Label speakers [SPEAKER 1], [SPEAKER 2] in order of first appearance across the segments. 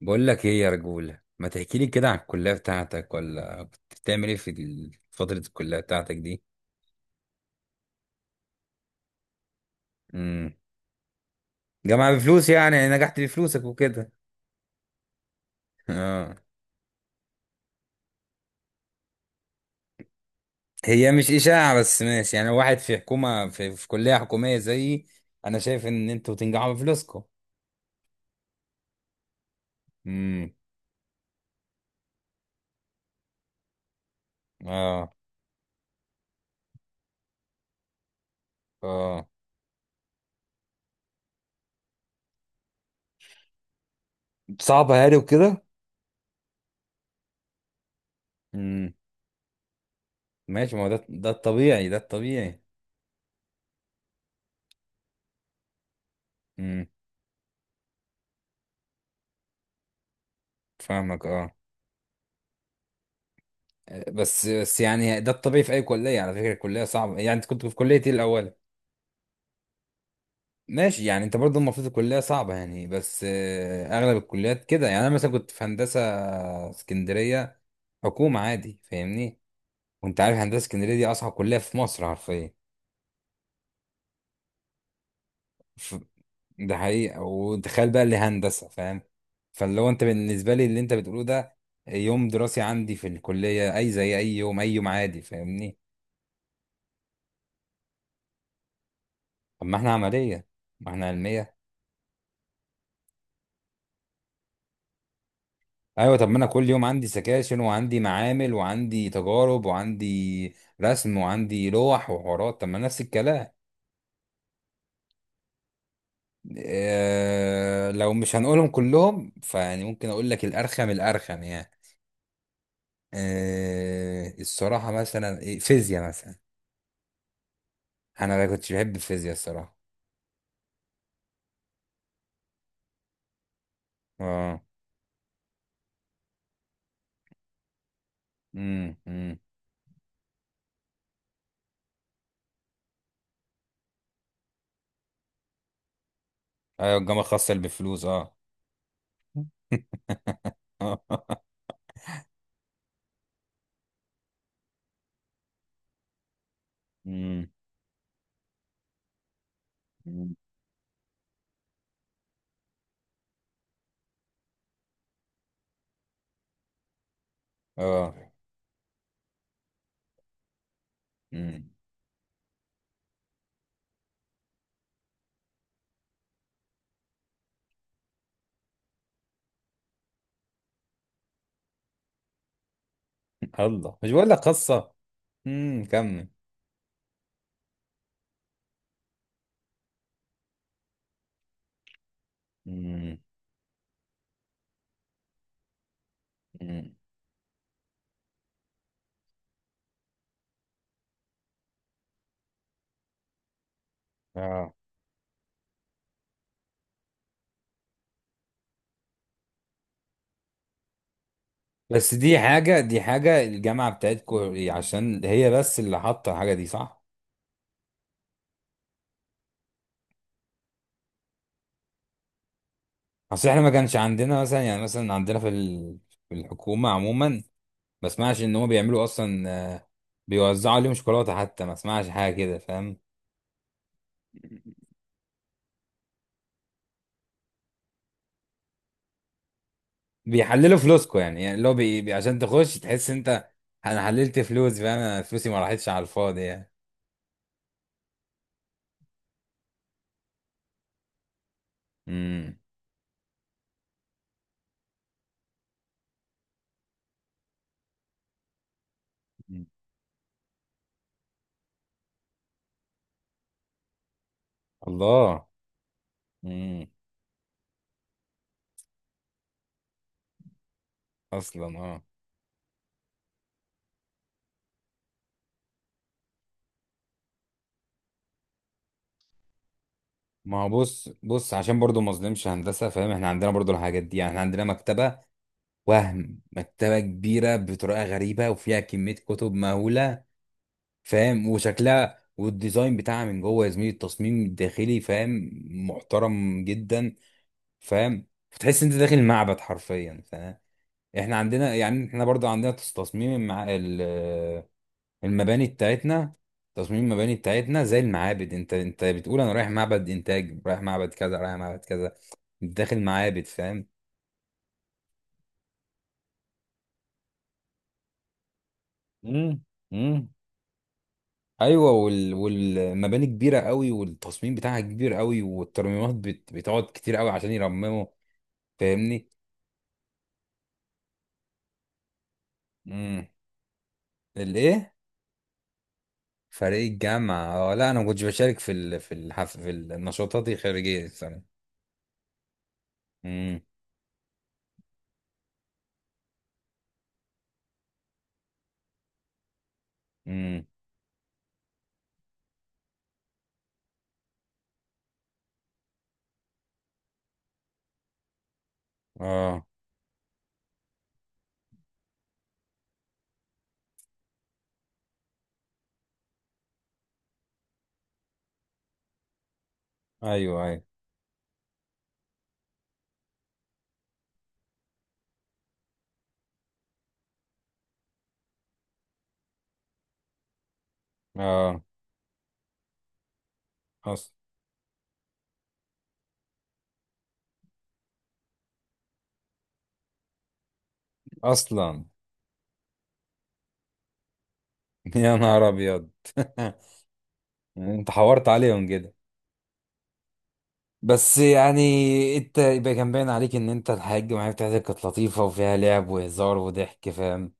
[SPEAKER 1] بقول لك ايه يا رجولة، ما تحكي لي كده عن الكلية بتاعتك، ولا كنت بتعمل ايه في فترة الكلية بتاعتك دي؟ امم. جامعة بفلوس يعني نجحت بفلوسك وكده. اه. هي مش إشاعة، بس ماشي، يعني واحد في حكومة، في كلية حكومية زيي. انا شايف ان انتوا تنجحوا بفلوسكم. امم. اه، اه. صعبة يعني وكده. امم. ماشي، ما هو ده الطبيعي، ده الطبيعي. امم. فاهمك، اه. بس بس يعني، ده الطبيعي في اي كليه، على فكره الكليه صعبه يعني، انت كنت في كليه ايه الاول؟ ماشي، يعني انت برضه المفروض الكليه صعبه يعني، بس اغلب الكليات كده، يعني انا مثلا كنت في هندسه اسكندريه. حكومه عادي، فاهمني. وانت عارف هندسه اسكندريه دي اصعب كليه في مصر حرفيا. ف- ده حقيقه، وتخيل بقى اللي هندسه، فاهم. فاللي هو انت بالنسبه لي اللي انت بتقوله ده، يوم دراسي عندي في الكليه اي زي اي يوم، اي يوم عادي، فاهمني. طب ما احنا عمليه، ما احنا علميه. ايوه، طب ما انا كل يوم عندي سكاشن، وعندي معامل، وعندي تجارب، وعندي رسم، وعندي لوح، وحوارات، طب ما نفس الكلام. آه، لو مش هنقولهم كلهم فيعني ممكن اقول لك الارخم، الارخم يعني. آه الصراحه مثلا فيزياء مثلا. انا ما كنتش بحب الفيزياء الصراحه. اه. امم، امم. ايوه الجامعه الخاصه اللي بفلوس، اه. امم. أمم. اه. امم. الله، مش بقول لك خاصه. امم، كمل. امم. اه. بس دي حاجة الجامعة بتاعتكو، عشان هي بس اللي حاطة الحاجة دي صح؟ أصل إحنا ما كانش عندنا مثلا، يعني مثلا عندنا في في الحكومة عموما، ما اسمعش إن هما بيعملوا أصلا. آه، بيوزعوا عليهم شوكولاتة حتى، ما اسمعش حاجة كده فاهم؟ بيحللوا فلوسكو يعني اللي هو عشان تخش تحس أنت. أنا حللت فلوس فاهم؟ أنا فلوسي ما راحتش على الفاضي يعني. امم. الله. امم. أصلا، أه. ما هو بص بص، عشان برضو ما اظلمش هندسه، فاهم؟ احنا عندنا برضو الحاجات دي يعني، احنا عندنا مكتبه، وهم مكتبه كبيره بطريقه غريبه، وفيها كميه كتب مهوله. فاهم؟ وشكلها والديزاين بتاعها من جوه يا زميلي، التصميم الداخلي فاهم، محترم جدا. فاهم؟ فتحس انت داخل معبد حرفيا، فاهم؟ احنا عندنا يعني، احنا برضو عندنا تصميم مع المباني بتاعتنا، تصميم المباني بتاعتنا زي المعابد، انت بتقول انا رايح معبد انتاج، رايح معبد كذا، رايح معبد كذا. انت داخل معابد، فاهم؟ امم. امم. ايوه، والمباني كبيره قوي، والتصميم بتاعها كبير قوي، والترميمات بتقعد كتير قوي عشان يرمموا. فاهمني. امم. الايه؟ فريق الجامعه، اه. لا انا ما كنتش بشارك في في في النشاطات الخارجيه السنه. امم. امم. اه. ايوه، ايوه. اه. أص... اصلا. يا نهار ابيض. انت حورت عليهم كده. بس يعني، انت يبقى كان باين عليك ان انت الحاجة معايا بتاعتك كانت لطيفة وفيها لعب وهزار وضحك، فاهم؟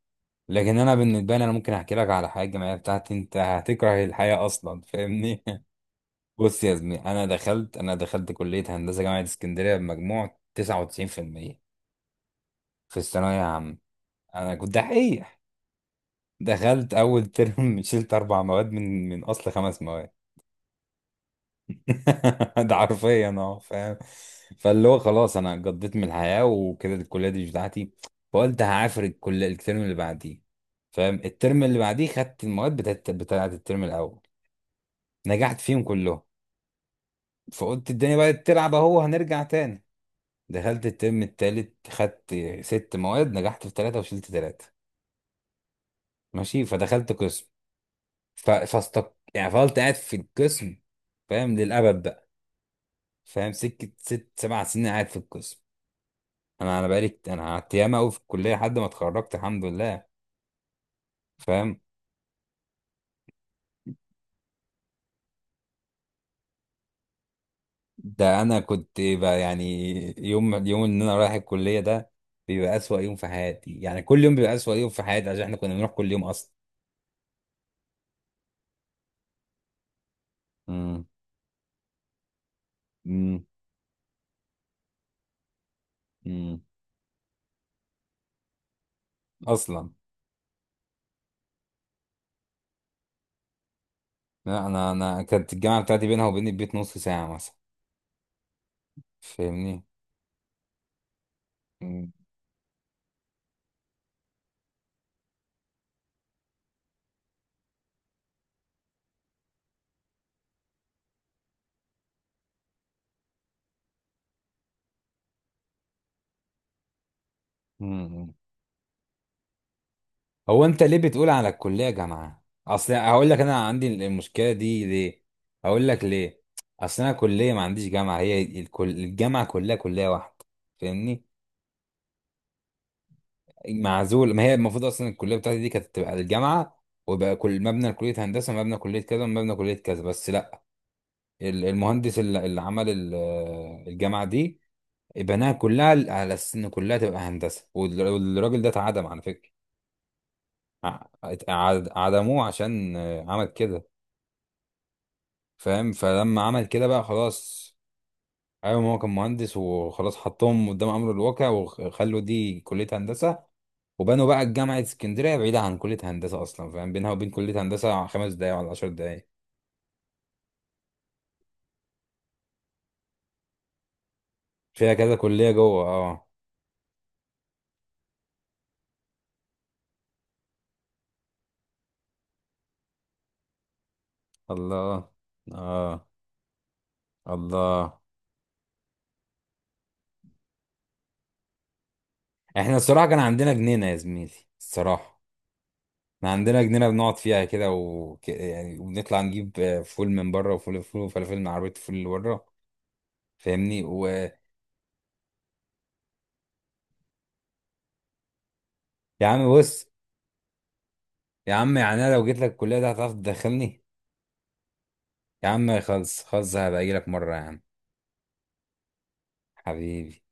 [SPEAKER 1] لكن انا بالنسبة لي، انا ممكن احكي لك على حاجة معايا بتاعتي، انت هتكره الحياة اصلا، فاهمني. بص يا زميلي، انا دخلت كلية هندسة جامعة اسكندرية بمجموع 99% في المية، في الثانوية عامة. انا كنت دحيح. دخلت اول ترم، شلت اربع مواد من اصل خمس. ده حرفيا، اه فاهم. فاللي هو خلاص، انا قضيت من الحياه وكده الكليه دي مش بتاعتي. فقلت هعافر الكليه الترم اللي بعديه. فاهم؟ الترم اللي بعديه خدت المواد بتاعت الترم الاول، نجحت فيهم كلهم. فقلت الدنيا بقت تلعب اهو، هنرجع تاني. دخلت الترم التالت، خدت ست مواد نجحت في ثلاثه وشلت ثلاثه. ماشي، فدخلت قسم. ف... فاستق يعني فضلت قاعد في القسم فاهم، للابد بقى. فاهم؟ سكه ست سبع سنين قاعد في القسم. انا بقالي انا قعدت ياما قوي في الكليه لحد ما اتخرجت، الحمد لله. فاهم؟ ده انا كنت بقى يعني، يوم اليوم ان انا رايح الكليه ده بيبقى اسوأ يوم في حياتي يعني، كل يوم بيبقى اسوأ يوم في حياتي، عشان احنا كنا بنروح كل يوم اصلا. امم. امم. امم. اصلا. لا، انا كانت الجامعه بتاعتي بينها وبين البيت نص ساعه مثلا. فاهمني. امم. هو انت ليه بتقول على الكليه جامعه؟ اصل هقول لك انا عندي المشكله دي ليه، هقول لك ليه. اصل انا كليه ما عنديش جامعه، هي الجامعه كلها كليه واحده. فاهمني. معزول، ما هي المفروض اصلا الكليه بتاعتي دي كانت تبقى الجامعه، وبقى كل مبنى كليه هندسه، مبنى كليه كذا، مبنى كليه كذا، بس لا. المهندس اللي عمل الجامعه دي، بناها كلها على اساس ان كلها تبقى هندسه، والراجل ده اتعدم على فكره. عدموه عشان عمل كده، فاهم؟ فلما عمل كده بقى خلاص. ايوه، ما هو كان مهندس وخلاص، حطهم قدام امر الواقع وخلوا دي كليه هندسه. وبنوا بقى جامعه اسكندريه بعيده عن كليه هندسه اصلا، فاهم؟ بينها وبين كليه هندسه 5 دقايق ولا 10 دقايق. فيها كذا كليه جوه، اه. الله. اه. الله. احنا الصراحه كان عندنا جنينه يا زميلي، الصراحه. احنا عندنا جنينه بنقعد فيها كده يعني وبنطلع نجيب فول من بره، وفول فول وفلافل من عربيه الفول اللي بره. فاهمني. ويا عم بص، يا عم يعني انا لو جيت لك الكليه دي هتعرف تدخلني؟ يا عم خلص خلص، هبقى اجي لك مره يا عم. حبيبي.